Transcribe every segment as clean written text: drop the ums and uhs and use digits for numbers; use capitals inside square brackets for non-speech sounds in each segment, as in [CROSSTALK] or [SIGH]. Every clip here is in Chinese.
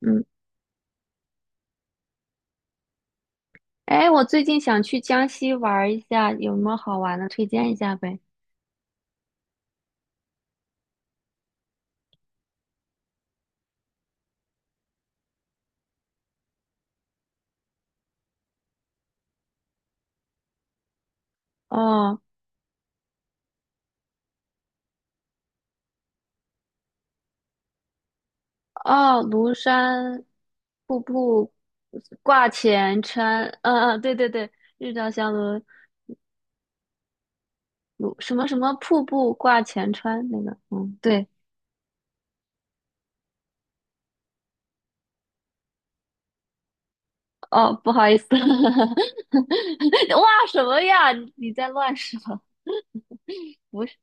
嗯，哎，我最近想去江西玩儿一下，有什么好玩的推荐一下呗？哦哦，庐山瀑布挂前川，嗯嗯，对对对，日照香炉庐什么什么瀑布挂前川那个，嗯对。哦，不好意思。[LAUGHS] 哇，什么呀？你在乱说？[LAUGHS] 不是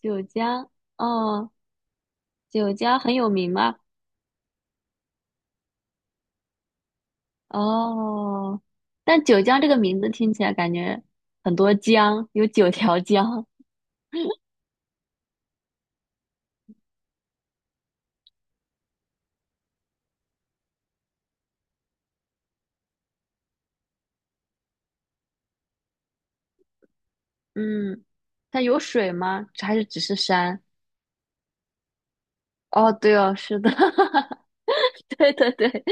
九江。哦，九江很有名吗？哦，但九江这个名字听起来感觉很多江，有九条江。[LAUGHS] 嗯，它有水吗？还是只是山？哦，对哦，是的。[LAUGHS] 对对对，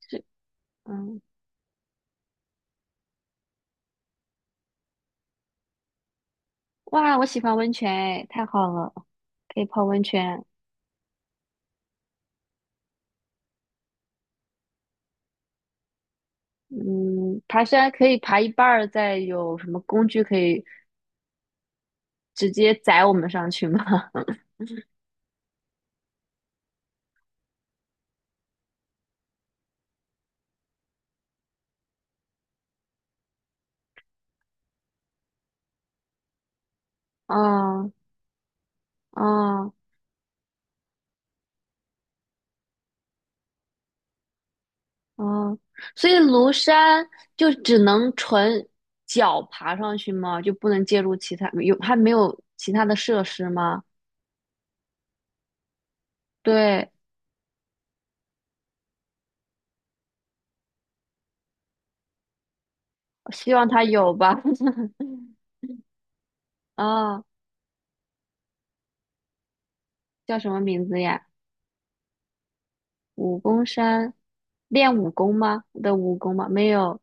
是，嗯。哇，我喜欢温泉，哎，太好了，可以泡温泉。嗯，爬山可以爬一半儿，再有什么工具可以直接载我们上去吗？[LAUGHS] 哦哦，哦，所以庐山就只能纯脚爬上去吗？就不能借助其他，有，还没有其他的设施吗？对，希望它有吧。[LAUGHS] 啊、叫什么名字呀？武功山，练武功吗？的武功吗？没有。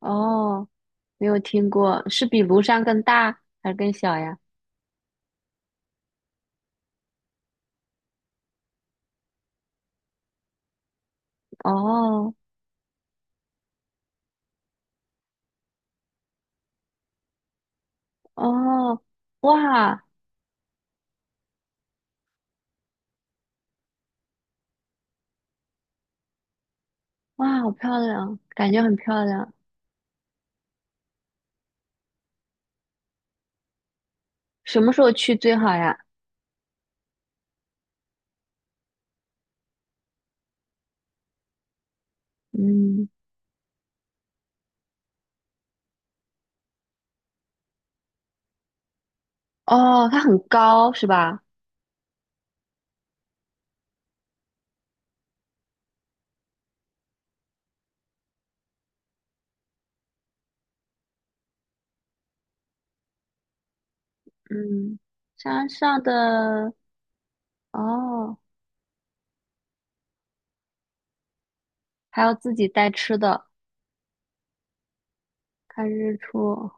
哦，没有听过，是比庐山更大还是更小呀？哦，哦，哇哇，好漂亮，感觉很漂亮。什么时候去最好呀？嗯。哦，它很高是吧？嗯，山上的。哦，还要自己带吃的，看日出。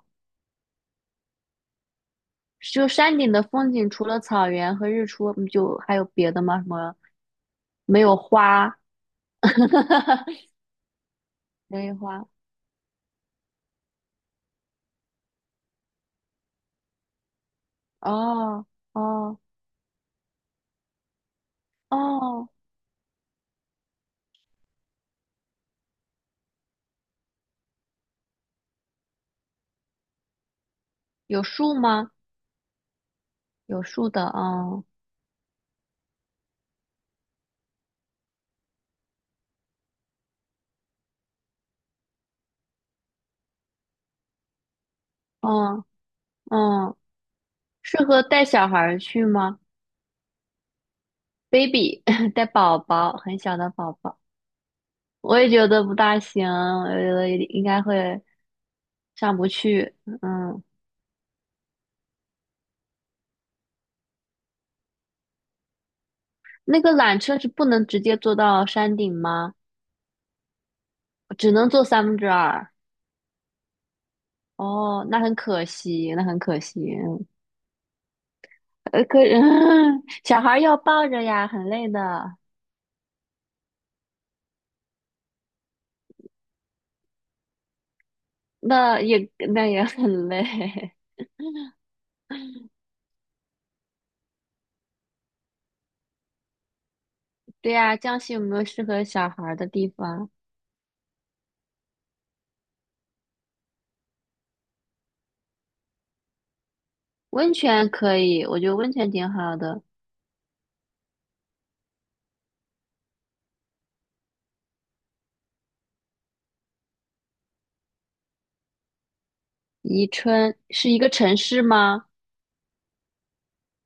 就山顶的风景，除了草原和日出，嗯，就还有别的吗？什么？没有花。[LAUGHS] 没有花。哦哦哦，有树吗？有树的，嗯嗯嗯，适合带小孩儿去吗？baby [LAUGHS] 带宝宝，很小的宝宝。我也觉得不大行，我觉得应该会上不去。嗯，那个缆车是不能直接坐到山顶吗？只能坐三分之二。哦，那很可惜，那很可惜。嗯，可 [LAUGHS] 小孩儿要抱着呀，很累的。那也很累。[LAUGHS] 对呀，江西有没有适合小孩儿的地方？温泉可以，我觉得温泉挺好的。宜春是一个城市吗？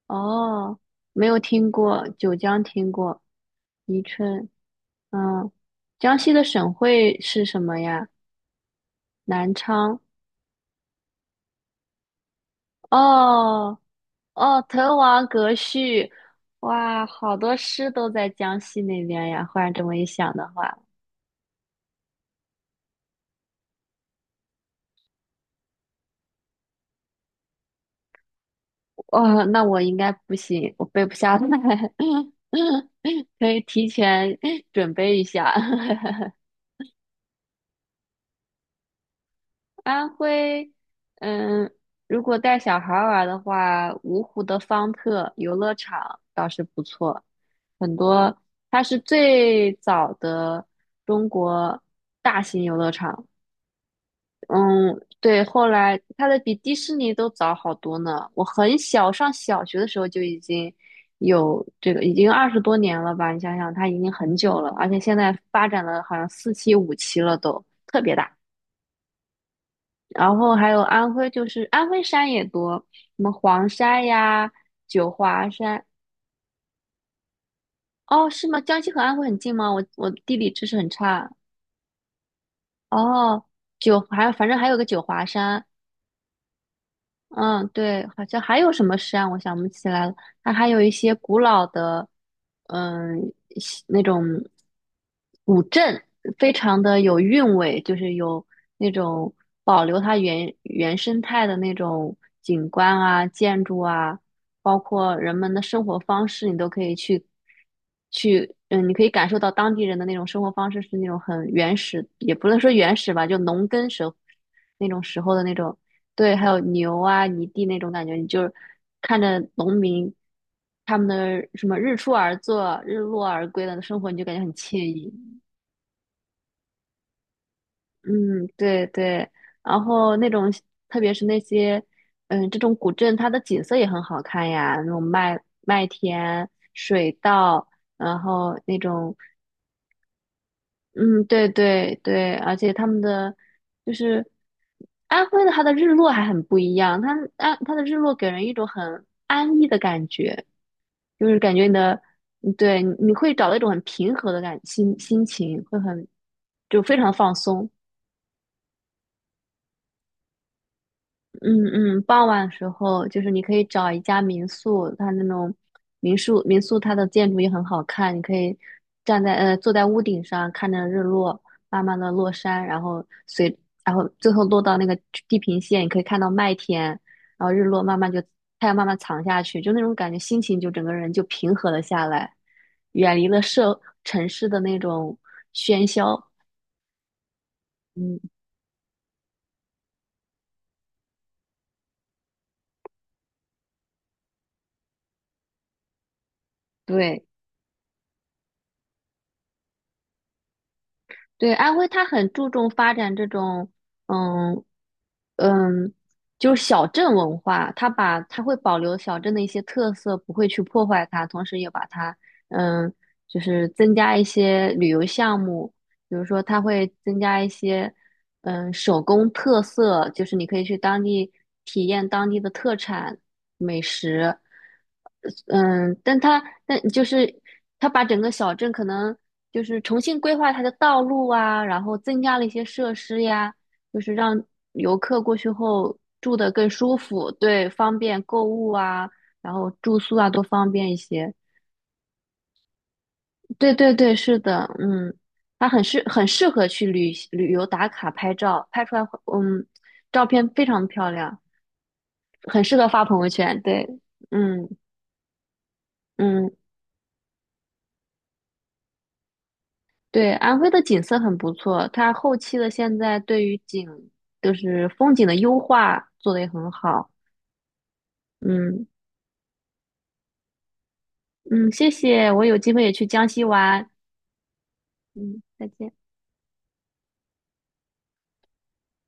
哦，没有听过，九江听过，宜春。嗯，江西的省会是什么呀？南昌。哦哦，滕王阁序。哇，好多诗都在江西那边呀。忽然这么一想的话，哦，那我应该不行，我背不下来。[LAUGHS] 可以提前准备一下。[LAUGHS] 安徽，嗯，如果带小孩儿玩的话，芜湖的方特游乐场倒是不错，很多，它是最早的中国大型游乐场。嗯，对，后来它的比迪士尼都早好多呢。我很小，上小学的时候就已经有这个，已经20多年了吧？你想想，它已经很久了，而且现在发展了好像四期、五期了都，特别大。然后还有安徽，就是安徽山也多，什么黄山呀、九华山。哦，是吗？江西和安徽很近吗？我地理知识很差。哦，还有反正还有个九华山。嗯，对，好像还有什么山，我想不起来了。它还有一些古老的，嗯，那种古镇，非常的有韵味，就是有那种保留它原生态的那种景观啊、建筑啊，包括人们的生活方式，你都可以去，嗯，你可以感受到当地人的那种生活方式是那种很原始，也不能说原始吧，就农耕时候那种时候的那种。对，还有牛啊、泥地那种感觉，你就是看着农民他们的什么日出而作、日落而归的生活，你就感觉很惬意。嗯，对对。然后那种，特别是那些，嗯，这种古镇，它的景色也很好看呀，那种麦田、水稻，然后那种嗯，对对对，而且他们的就是安徽的，它的日落还很不一样。它的日落给人一种很安逸的感觉，就是感觉你的，嗯，对，你会找到一种很平和的心情，会很就非常放松。嗯嗯，傍晚时候就是你可以找一家民宿，它那种民宿它的建筑也很好看，你可以坐在屋顶上看着日落，慢慢的落山，然后随然后最后落到那个地平线，你可以看到麦田，然后日落慢慢就太阳慢慢藏下去，就那种感觉，心情就整个人就平和了下来，远离了城市的那种喧嚣。嗯，对对，安徽它很注重发展这种。嗯嗯，就是小镇文化，它把它会保留小镇的一些特色，不会去破坏它，同时也把它，嗯，就是增加一些旅游项目，比如说它会增加一些，嗯，手工特色，就是你可以去当地体验当地的特产美食，嗯，但就是它把整个小镇可能就是重新规划它的道路啊，然后增加了一些设施呀。就是让游客过去后住得更舒服，对，方便购物啊，然后住宿啊都方便一些。对对对，是的，嗯，它很适合去旅游打卡拍照，拍出来会照片非常漂亮，很适合发朋友圈。对，嗯嗯，对，安徽的景色很不错，它后期的现在对于就是风景的优化做得也很好。嗯嗯，谢谢，我有机会也去江西玩。嗯，再见。